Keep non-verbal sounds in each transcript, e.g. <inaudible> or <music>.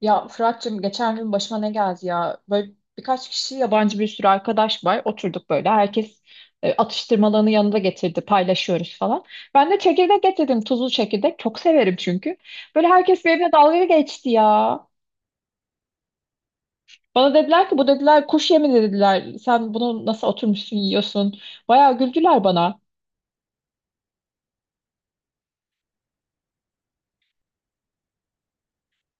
Ya Fırat'cığım geçen gün başıma ne geldi ya? Böyle birkaç kişi yabancı bir sürü arkadaş var. Oturduk böyle. Herkes atıştırmalarını yanında getirdi. Paylaşıyoruz falan. Ben de çekirdek getirdim. Tuzlu çekirdek. Çok severim çünkü. Böyle herkes benimle dalga geçti ya. Bana dediler ki bu dediler kuş yemi dediler. Sen bunu nasıl oturmuşsun yiyorsun? Bayağı güldüler bana.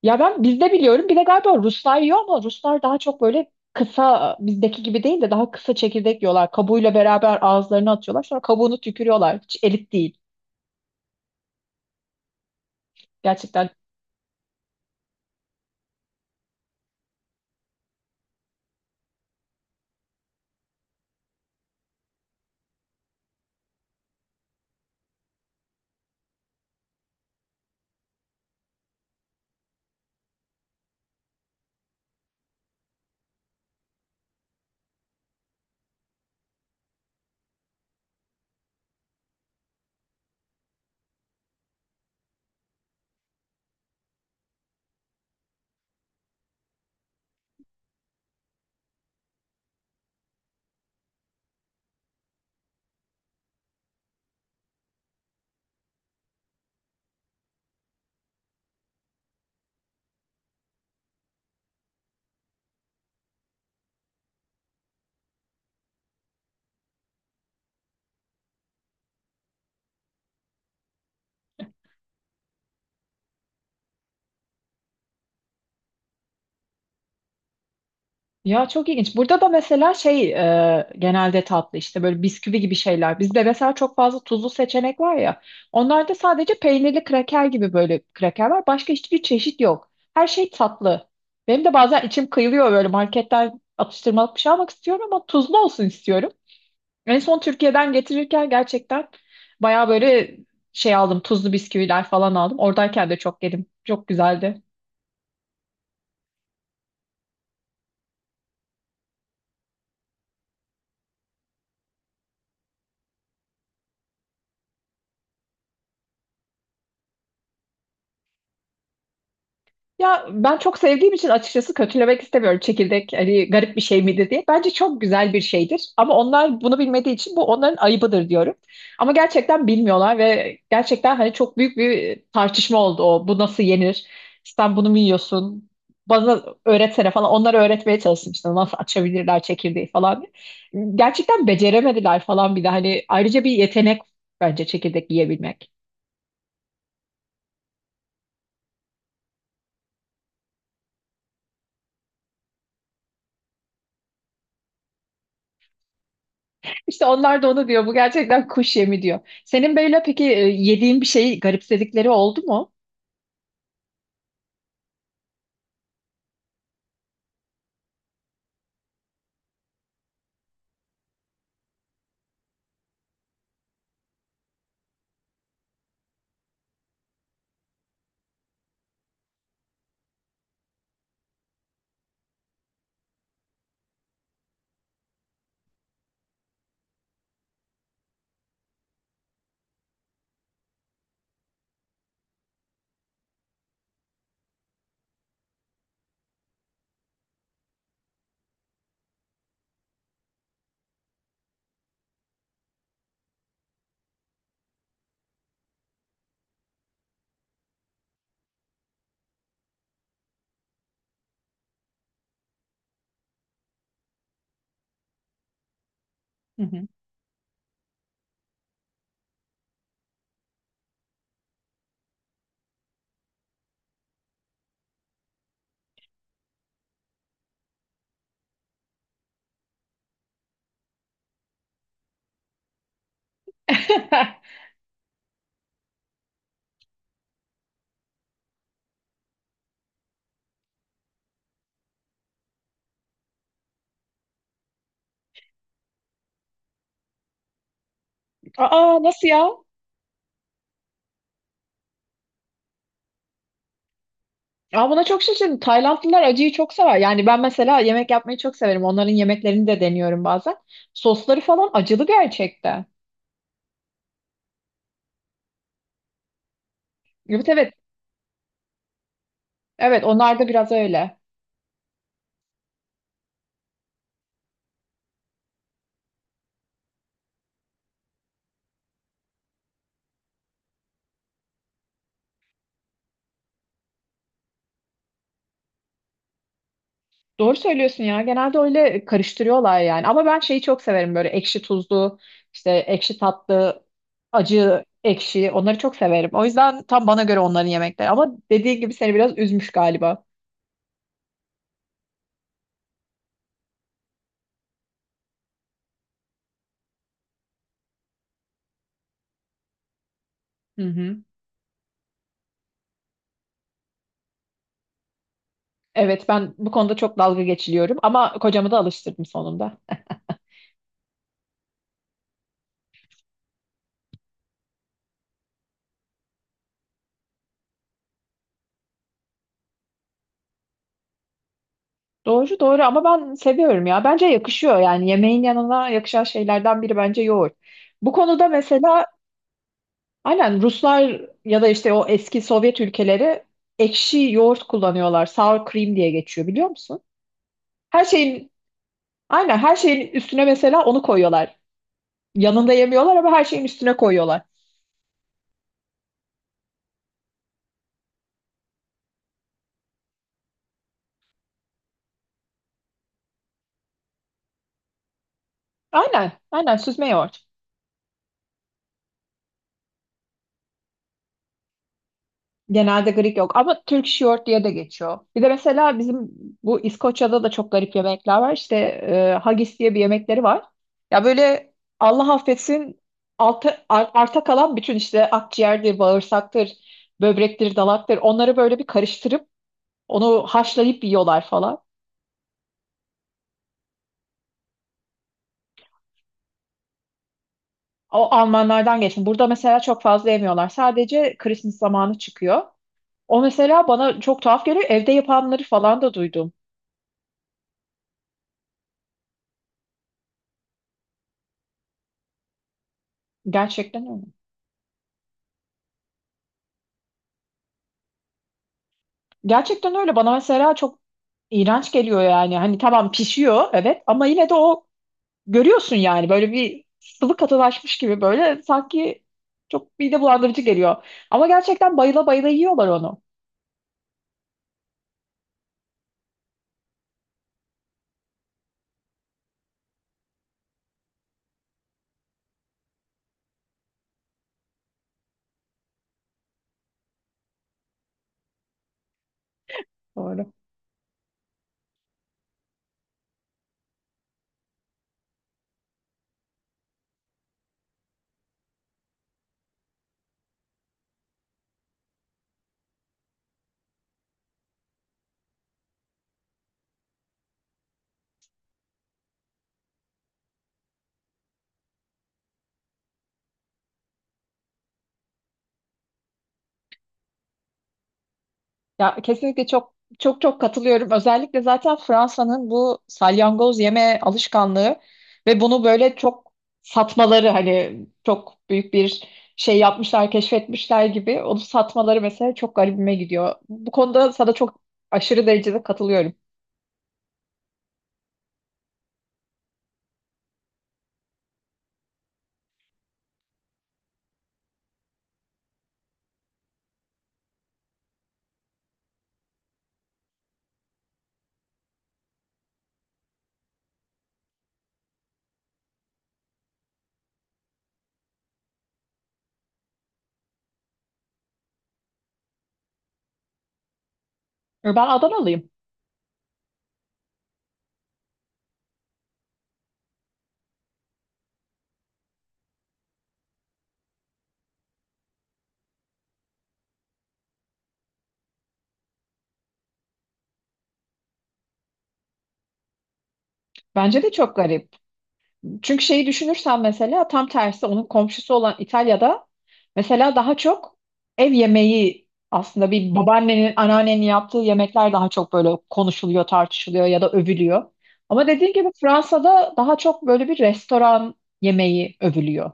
Ya ben bizde biliyorum. Bir de galiba Ruslar yiyor ama Ruslar daha çok böyle kısa, bizdeki gibi değil de daha kısa çekirdek yiyorlar. Kabuğuyla beraber ağızlarına atıyorlar. Sonra kabuğunu tükürüyorlar. Hiç elit değil. Gerçekten. Ya çok ilginç. Burada da mesela şey genelde tatlı işte böyle bisküvi gibi şeyler. Bizde mesela çok fazla tuzlu seçenek var ya. Onlarda sadece peynirli kraker gibi böyle kraker var. Başka hiçbir çeşit yok. Her şey tatlı. Benim de bazen içim kıyılıyor, böyle marketten atıştırmalık bir şey almak istiyorum ama tuzlu olsun istiyorum. En son Türkiye'den getirirken gerçekten bayağı böyle şey aldım. Tuzlu bisküviler falan aldım. Oradayken de çok yedim. Çok güzeldi. Ya ben çok sevdiğim için açıkçası kötülemek istemiyorum çekirdek hani garip bir şey midir diye. Bence çok güzel bir şeydir ama onlar bunu bilmediği için bu onların ayıbıdır diyorum. Ama gerçekten bilmiyorlar ve gerçekten hani çok büyük bir tartışma oldu o. Bu nasıl yenir? Sen bunu mu yiyorsun? Bana öğretsene falan. Onlara öğretmeye çalıştım işte nasıl açabilirler çekirdeği falan diye. Gerçekten beceremediler falan, bir de hani ayrıca bir yetenek bence çekirdek yiyebilmek. İşte onlar da onu diyor. Bu gerçekten kuş yemi diyor. Senin böyle peki yediğin bir şeyi garipsedikleri oldu mu? Hı hı. <laughs> Aa, nasıl ya? Aa, buna çok şaşırdım. Taylandlılar acıyı çok sever. Yani ben mesela yemek yapmayı çok severim. Onların yemeklerini de deniyorum bazen. Sosları falan acılı gerçekten. Evet, evet. Evet, onlar da biraz öyle. Doğru söylüyorsun ya. Genelde öyle karıştırıyorlar yani. Ama ben şeyi çok severim, böyle ekşi tuzlu, işte ekşi tatlı, acı, ekşi. Onları çok severim. O yüzden tam bana göre onların yemekleri. Ama dediğin gibi seni biraz üzmüş galiba. Hı hı. Evet, ben bu konuda çok dalga geçiliyorum ama kocamı da alıştırdım sonunda. Doğru doğru, ama ben seviyorum ya. Bence yakışıyor yani, yemeğin yanına yakışan şeylerden biri bence yoğurt. Bu konuda mesela aynen Ruslar ya da işte o eski Sovyet ülkeleri ekşi yoğurt kullanıyorlar. Sour cream diye geçiyor, biliyor musun? Her şeyin, aynen her şeyin üstüne mesela onu koyuyorlar. Yanında yemiyorlar ama her şeyin üstüne koyuyorlar. Aynen aynen, süzme yoğurt. Genelde Greek yok ama Türk short diye de geçiyor. Bir de mesela bizim bu İskoçya'da da çok garip yemekler var. İşte haggis diye bir yemekleri var. Ya böyle Allah affetsin, arta kalan bütün işte akciğerdir, bağırsaktır, böbrektir, dalaktır. Onları böyle bir karıştırıp onu haşlayıp yiyorlar falan. O Almanlardan geçtim. Burada mesela çok fazla yemiyorlar. Sadece Christmas zamanı çıkıyor. O mesela bana çok tuhaf geliyor. Evde yapanları falan da duydum. Gerçekten öyle. Gerçekten öyle. Bana mesela çok iğrenç geliyor yani. Hani tamam pişiyor evet ama yine de o görüyorsun yani, böyle bir sıvı katılaşmış gibi, böyle sanki çok mide bulandırıcı geliyor. Ama gerçekten bayıla bayıla yiyorlar onu. Doğru. Ya kesinlikle çok çok katılıyorum. Özellikle zaten Fransa'nın bu salyangoz yeme alışkanlığı ve bunu böyle çok satmaları, hani çok büyük bir şey yapmışlar, keşfetmişler gibi onu satmaları mesela çok garibime gidiyor. Bu konuda sana çok aşırı derecede katılıyorum. Ben Adanalıyım. Bence de çok garip. Çünkü şeyi düşünürsen mesela tam tersi, onun komşusu olan İtalya'da mesela daha çok ev yemeği, aslında bir babaannenin, anneannenin yaptığı yemekler daha çok böyle konuşuluyor, tartışılıyor ya da övülüyor. Ama dediğim gibi Fransa'da daha çok böyle bir restoran yemeği övülüyor.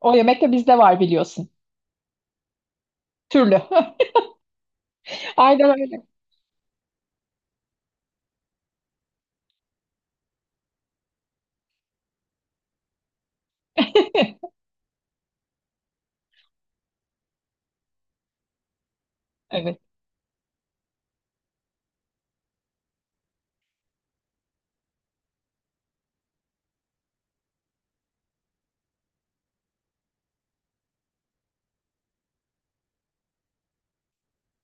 O yemek de bizde var, biliyorsun. Türlü. <laughs> Aynen öyle. Evet.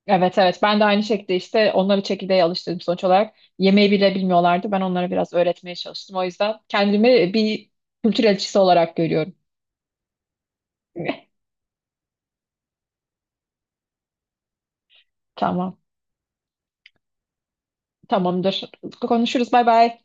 Evet evet, ben de aynı şekilde işte onları çekirdeğe alıştırdım sonuç olarak. Yemeği bile bilmiyorlardı. Ben onlara biraz öğretmeye çalıştım. O yüzden kendimi bir kültür elçisi olarak görüyorum. <laughs> Tamam. Tamamdır. Konuşuruz. Bay bay.